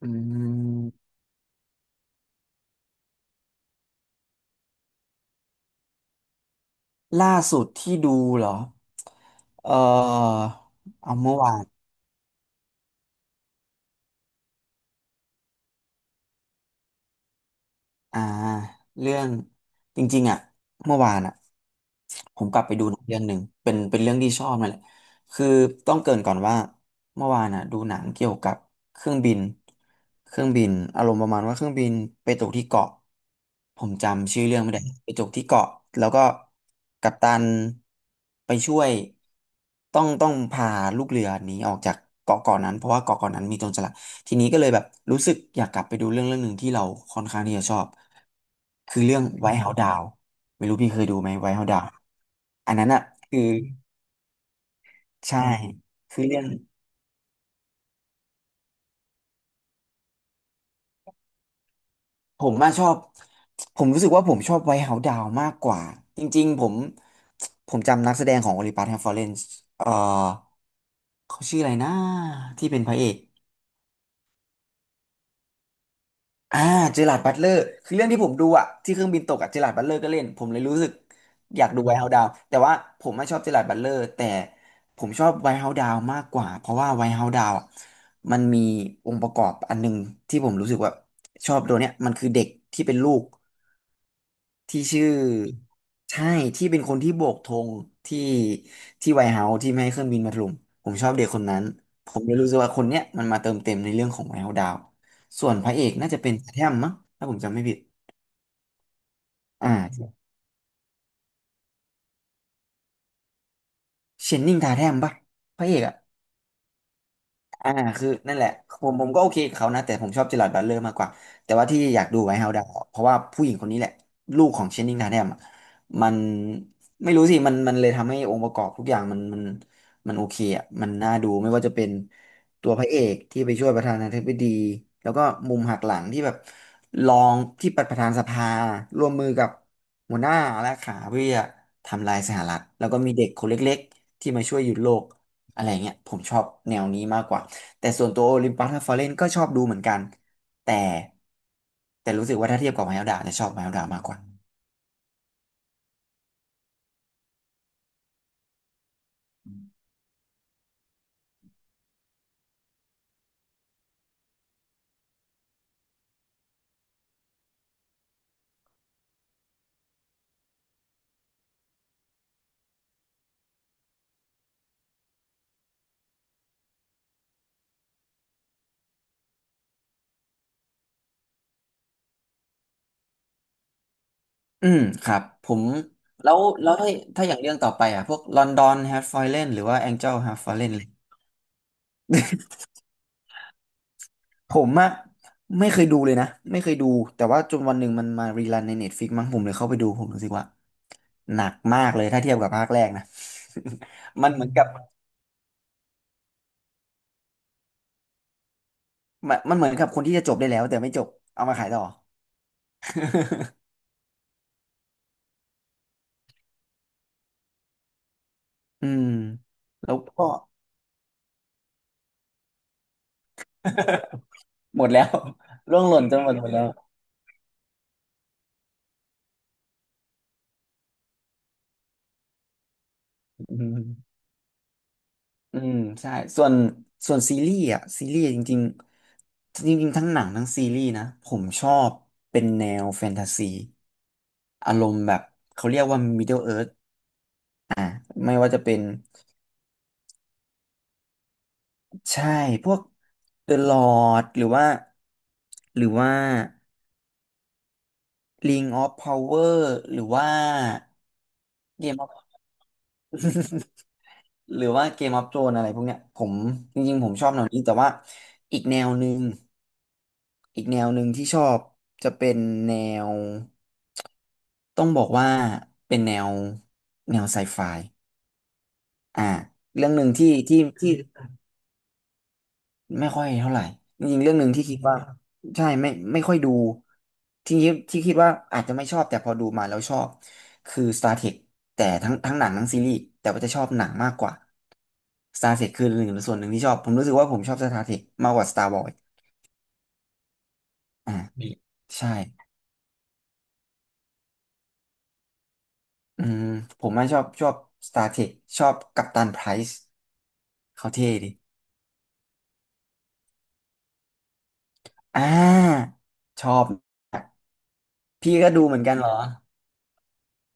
อืมล่าสุดที่ดูเหรอ เออเอาเมื่อวาน อ่าเรื่องจริงๆอ่ะเมื่อวานอ่ะผมกลับไปดูหนังเรื่องหนึ่งเป็นเรื่องที่ชอบนั่นแหละคือต้องเกริ่นก่อนว่าเมื่อวานอ่ะดูหนังเกี่ยวกับเครื่องบินเครื่องบินอารมณ์ประมาณว่าเครื่องบินไปตกที่เกาะผมจำชื่อเรื่องไม่ได้ไปตกที่เกาะแล้วก็กัปตันไปช่วยต้องพาลูกเรือหนีออกจากเกาะเกาะนั้นเพราะว่าเกาะเกาะนั้นมีโจรสลัด ทีนี้ก็เลยแบบรู้สึกอยากกลับไปดูเรื่องหนึ่งที่เราค่อนข้างที่จะชอบคือเรื่อง w h ไวท์ o เฮา d o ดาวไม่รู้พี่เคยดูไหมไวท์เฮา e d ดาวอันนั้นอ่ะคือใช่คือเรื่องผมมาชอบผมรู้สึกว่าผมชอบไวท์เฮา e d ดาวมากกว่าจริงๆผมจำนักแสดงของ o อลิปัสแฮมฟอเรนซ์เอ่อเขาชื่ออะไรนะที่เป็นพระเอก อ่าเจอราร์ดบัตเลอร์คือเรื่องที่ผมดูอะที่เครื่องบินตกอะเจอราร์ดบัตเลอร์ก็เล่นผมเลยรู้สึกอยากดูไวท์เฮาส์ดาวแต่ว่าผมไม่ชอบเจอราร์ดบัตเลอร์แต่ผมชอบไวท์เฮาส์ดาวมากกว่าเพราะว่าไวท์เฮาส์ดาวอะมันมีองค์ประกอบอันหนึงที่ผมรู้สึกว่าชอบตัวเนี้ยมันคือเด็กที่เป็นลูก ที่ชื่อใช่ที่เป็นคนที่โบกธงที่ที่ไวท์เฮาส์ที่ไม่ให้เครื่องบินมาถล่มผมชอบเด็กคนนั้นผมเลยรู้สึกว่าคนเนี้ยมันมาเติมเต็มในเรื่องของไวท์เฮาส์ดาวส่วนพระเอกน่าจะเป็นทาแทมมั้งถ้าผมจำไม่ผิดอ่าเชนนิงทาแทมปะพระเอกอะ อ่าคือนั่นแหละผมก็โอเคกับเขานะแต่ผมชอบเจอราร์ดบัตเลอร์มากกว่าแต่ว่าที่อยากดูไวท์เฮาส์ดาวเพราะว่าผู้หญิงคนนี้แหละลูกของเชนนิงทาแนมอะมันไม่รู้สิมันเลยทำให้องค์ประกอบทุกอย่างมันมันโอเคอ่ะมันน่าดูไม่ว่าจะเป็นตัวพระเอกที่ไปช่วยประธานาธิบดีแล้วก็มุมหักหลังที่แบบรองที่ประธานสภาร่วมมือกับหัวหน้าและขาเพื่อทำลายสหรัฐแล้วก็มีเด็กคนเล็กๆที่มาช่วยหยุดโลกอะไรเงี้ยผมชอบแนวนี้มากกว่า แต่ส่วนตัวโอลิมปัสฮาฟาเรนก็ชอบดูเหมือนกันแต่แต่รู้สึกว่าถ้าเทียบกับไมฮ l ลดาจะชอบไมฮ l ลดามากกว่าอืมครับผมแล้วถ้าอย่างเรื่องต่อไปอ่ะพวกลอนดอนฮา f ฟาเรนหรือว่าแองเจิลฮา f ฟาเรนเลยผมอะไม่เคยดูเลยนะไม่เคยดูแต่ว่าจนวันหนึ่งมันมารีรันในเน็ตฟ i ิกมั้งผมเลยเข้าไปดูผมรู้สึกว่าหนักมากเลยถ้าเทียบกับภาคแรกนะ มันเหมือนกับมันเหมือนกับคนที่จะจบได้แล้วแต่ไม่จบเอามาขายต่อ อืมแล้วก็ หมดแล้ว ร่วงหล่นจนหมดหมดแล้วอืมอืมใช่ส่วนส่วนซีรีส์อ่ะซีรีส์จริงๆจริงๆทั้งหนังทั้งซีรีส์นะผมชอบเป็นแนวแฟนตาซีอารมณ์แบบเขาเรียกว่า Middle Earth ไม่ว่าจะเป็นใช่พวก The Lord หรือว่าหรือว่า Ring of Power หรือว่า Game of หรือว่า Game of Thrones อะไรพวกเนี้ยผมจริงๆผมชอบแนวนี้แต่ว่าอีกแนวหนึ่งอีกแนวหนึ่งที่ชอบจะเป็นแนวต้องบอกว่าเป็นแนวไซไฟอ่าเรื่องหนึ่งที่ ไม่ค่อยเท่าไหร่จริงๆเรื่องหนึ่งที่คิดว่าใช่ไม่ไม่ค่อยดูที่คิดว่าอาจจะไม่ชอบแต่พอดูมาแล้วชอบคือ Star Trek แต่ทั้งหนังทั้งซีรีส์แต่ว่าจะชอบหนังมากกว่า Star Trek คือหนึ่งส่วนหนึ่งที่ชอบผมรู้สึกว่าผมชอบ Star Trek มากกว่า Star Wars อ่ามีใช่อืมผมไม่ชอบชอบ Star Trek ชอบกัปตันไพรซ์เขาเท่ดิอ่าชอบพี่ก็ดูเหมือนกันเหรอ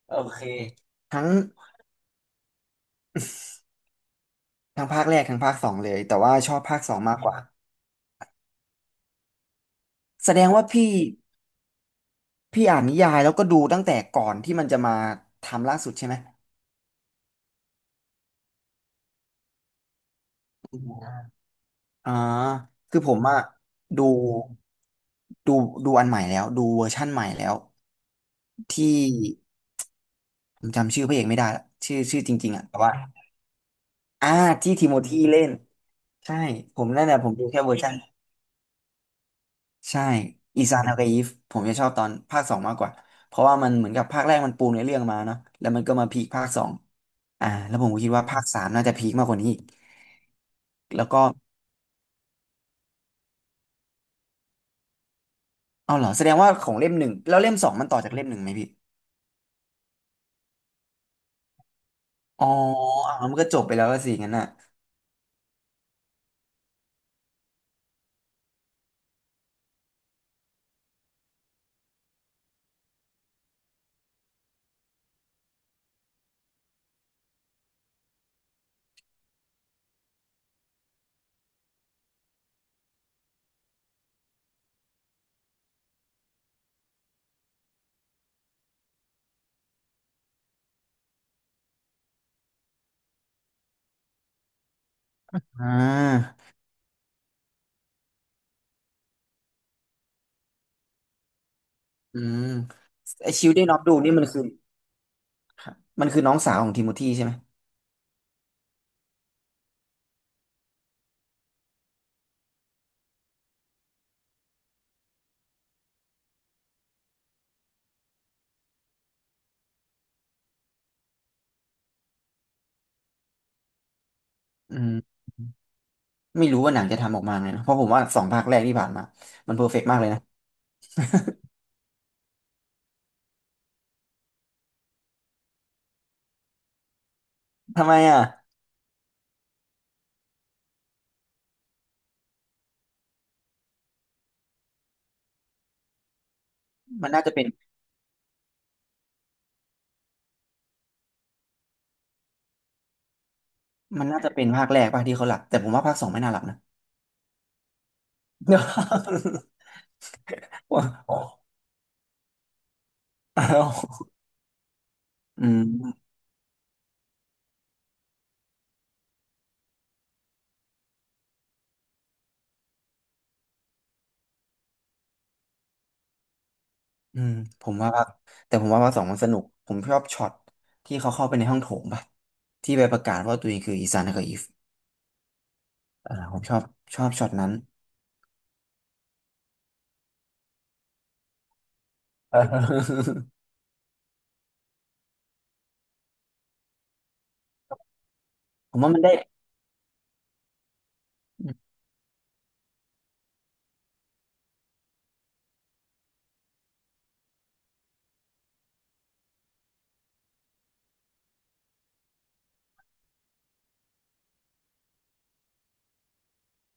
โอเคทั้ง ทั้งภาคแรกทั้งภาคสองเลยแต่ว่าชอบภาคสองมากกว่าแสดงว่าพี่อ่านนิยายแล้วก็ดูตั้งแต่ก่อนที่มันจะมาทำล่าสุดใช่ไหมอ่าคือผมอะดูดูดูอันใหม่แล้วดูเวอร์ชั่นใหม่แล้วที่ผมจำชื่อพระเอกไม่ได้ละชื่อจริงๆอะแต่ว่าอ่าที่ทิโมธีเล่นใช่ผมนั่นแหละผมดูแค่เวอร์ชัน ใช่อิซานฮากายิฟผมจะชอบตอนภาคสองมากกว่าเพราะว่ามันเหมือนกับภาคแรกมันปูเนื้อเรื่องมาเนาะแล้วมันก็มาพีคภาคสองแล้วผมก็คิดว่าภาคสามน่าจะพีคมากกว่านี้อีกแล้วก็เอาเหรอแสดงว่าของเล่มหนึ่งแล้วเล่มสองมันต่อจากเล่มหนึ่งไหมพี่อ๋ออ่ะมันก็จบไปแล้วก็สิงั้นน่ะอ่าอืมไอชิลเดนออฟดูนี่มันคือมันคือน้องสาวของทิโมธีใช่ไหมอืมไม่รู้ว่าหนังจะทำออกมาไงนะเพราะผมว่าสองภาคแรกที่ผ่านมามันเพอร์เฟกต์มากเลยนะทำไมอ่ะมันน่าจะเป็น มันน่าจะเป็นภาคแรกป่ะที่เขาหลับแต่ผมว่าภาคสองไม่น่าหลับนะ ว่าอาวอืมอืมผมว่าภาคแต่ผมว่าภาคสองมันสนุกผมชอบช็อตที่เขาเข้าไปในห้องโถงป่ะที่ไปประกาศว่าตัวเองคืออีซานกับอีฟอ่าผมชอบชอบช็อตนั้น เออผมว่ามันได้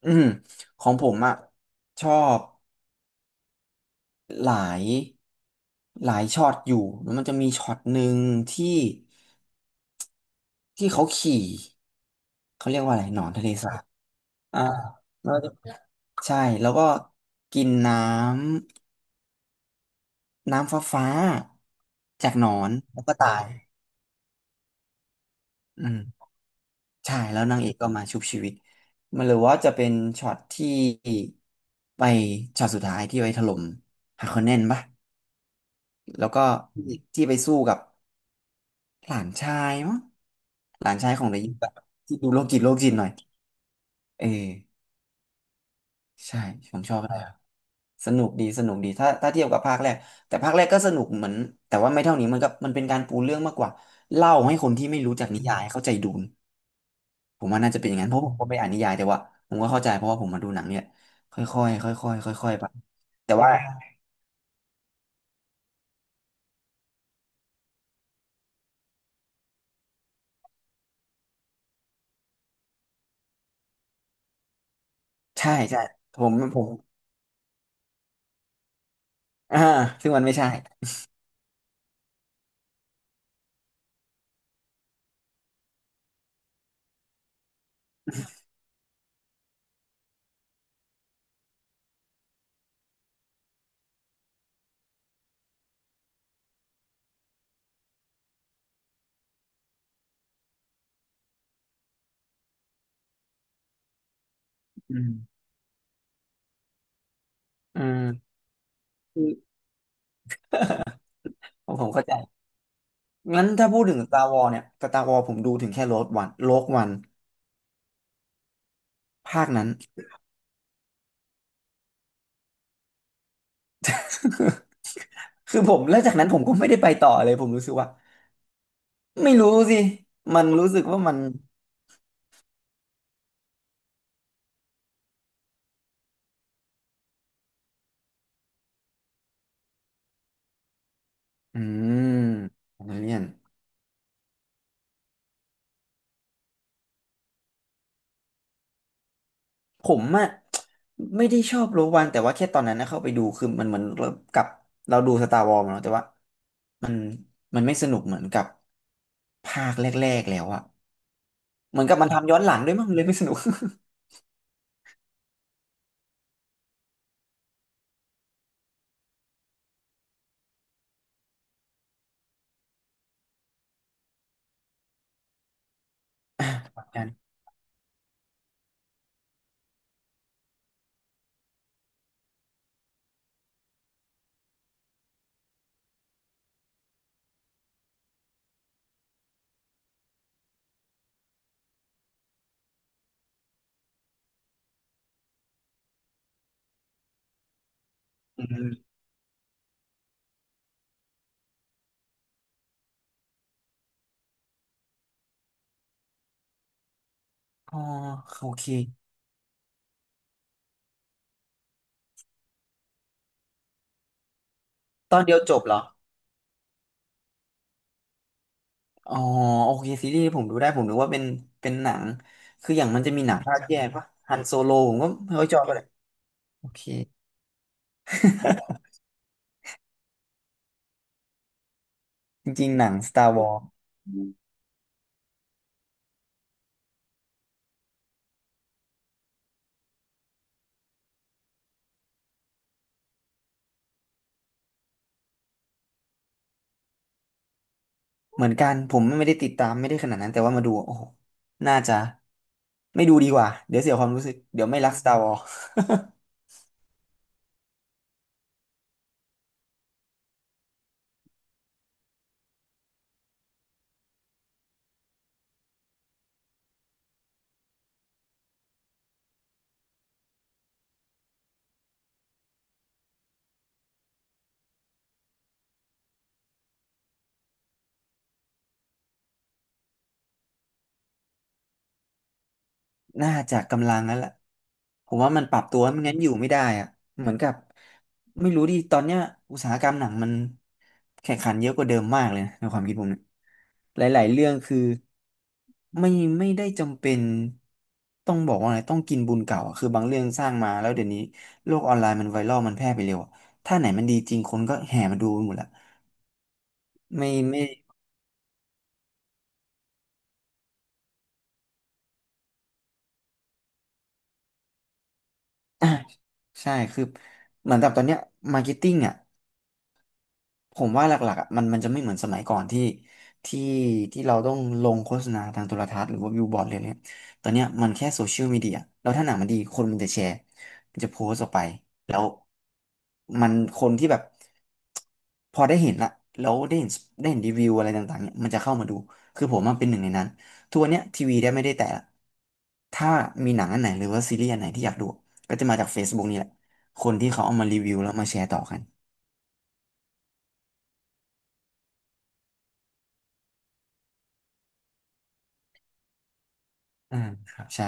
อืมของผมอะชอบหลายหลายช็อตอยู่แล้วมันจะมีช็อตหนึ่งที่ ที่เขาขี่เขาเรียกว่าอะไรหนอนทะเลสาบอ่าแล้วก็ใช่แล้วก็กินน้ำน้ำฟ้าฟ้าจากหนอนแล้วก็ตายอืมใช่แล้วนางเอกก็มาชุบชีวิตมันหรือว่าจะเป็นช็อตที่ไปช็อตสุดท้ายที่ไปถล่มฮาคอนเนนปะแล้วก็ที่ไปสู้กับหลานชายมั้งหลานชายของนายยิงแบบที่ดูโรคจิตโรคจิตหน่อยเออ ใช่ผมชอบอะไสนุกดีสนุกดีถ้าเทียบกับภาคแรกแต่ภาคแรกก็สนุกเหมือนแต่ว่าไม่เท่านี้มันเป็นการปูเรื่องมากกว่าเล่าให้คนที่ไม่รู้จักนิยายเข้าใจดูนผมว่าน่าจะเป็นอย่างนั้นเพราะผมก็ไม่อ่านนิยายแต่ว่าผมก็เข้าใจเพราะว่าผมมาดูหนังเนี่ยค่อยๆค่อยๆค่อยๆไปแต่ว่าใช่ใช่ผมอ่าซึ่งมันไม่ใช่อืมอืมคือผมเข้าใจงั้นถ้าพูดถึง Star Wars เนี่ย Star Wars ผมดูถึงแค่ Rogue One Rogue One ภาคนั้น คือผมแล้วจากนั้นผมก็ไม่ได้ไปต่อเลยผมรู้สึกว่าไม่รู้สิมันรู้สึกว่ามันอืมอันเลียนผมอะไม่ได้ชอบโรวันแต่ว่าแค่ตอนนั้นนะเข้าไปดูคือมันเหมือนเรากับเราดูสตาร์วอร์มาเนาะแต่ว่ามันมันไม่สนุกเหมือนกับภาคแรกๆแล้วอะเหมือนกับมันทำย้อนหลังด้วยมั้งเลยไม่สนุก กันอืมอ๋อโอเคตอนเดียวจบเหรอ อ๋อโอเคซีรีส์ผมดูได้ผมนึกว่าเป็นเป็นหนังคืออย่างมันจะมีหนังภาคแยกปะฮันโซโลผมก็ไม่ค่อยชอบเลยโอเค จริงๆหนัง Star Wars เหมือนกันผมไม่ได้ติดตามไม่ได้ขนาดนั้นแต่ว่ามาดูโอ้โหน่าจะไม่ดูดีกว่าเดี๋ยวเสียความรู้สึกเดี๋ยวไม่รัก Star Wars น่าจะกำลังแล้วล่ละผมว่ามันปรับตัวไม่งั้นอยู่ไม่ได้อะเหมือนกับไม่รู้ดิตอนเนี้ยอุตสาหกรรมหนังมันแข่งขันเยอะกว่าเดิมมากเลยนะในความคิดผมเนี่ยหลายๆเรื่องคือไม่ไม่ได้จำเป็นต้องบอกว่าอะไรต้องกินบุญเก่าอะคือบางเรื่องสร้างมาแล้วเดี๋ยวนี้โลกออนไลน์มันไวรัลมันแพร่ไปเร็วอะถ้าไหนมันดีจริงคนก็แห่มาดูหมดละไม่อ่ะใช่คือเหมือนกับตอนเนี้ยมาร์เก็ตติ้งอ่ะ ผมว่าหลักๆอะมันจะไม่เหมือนสมัยก่อนที่ที่เราต้องลงโฆษณาทางโทรทัศน์หรือว่าบิลบอร์ดเลยเนี่ยตอนเนี้ยมันแค่โซเชียลมีเดียแล้วถ้าหนังมันดีคนมันจะแชร์มันจะโพสต์ออกไปแล้วมันคนที่แบบพอได้เห็นละแล้วได้เห็นได้เห็นรีวิวอะไรต่างๆเนี่ยมันจะเข้ามาดูคือผมมันเป็นหนึ่งในนั้นทุกวันเนี้ยทีวีได้ไม่ได้แต่ละถ้ามีหนังอันไหนหรือว่าซีรีส์อันไหนที่อยากดูก็จะมาจาก Facebook นี่แหละคนที่เขาเอามารีวิวแล้วมาแชร์ต่อกันอืมครับใช่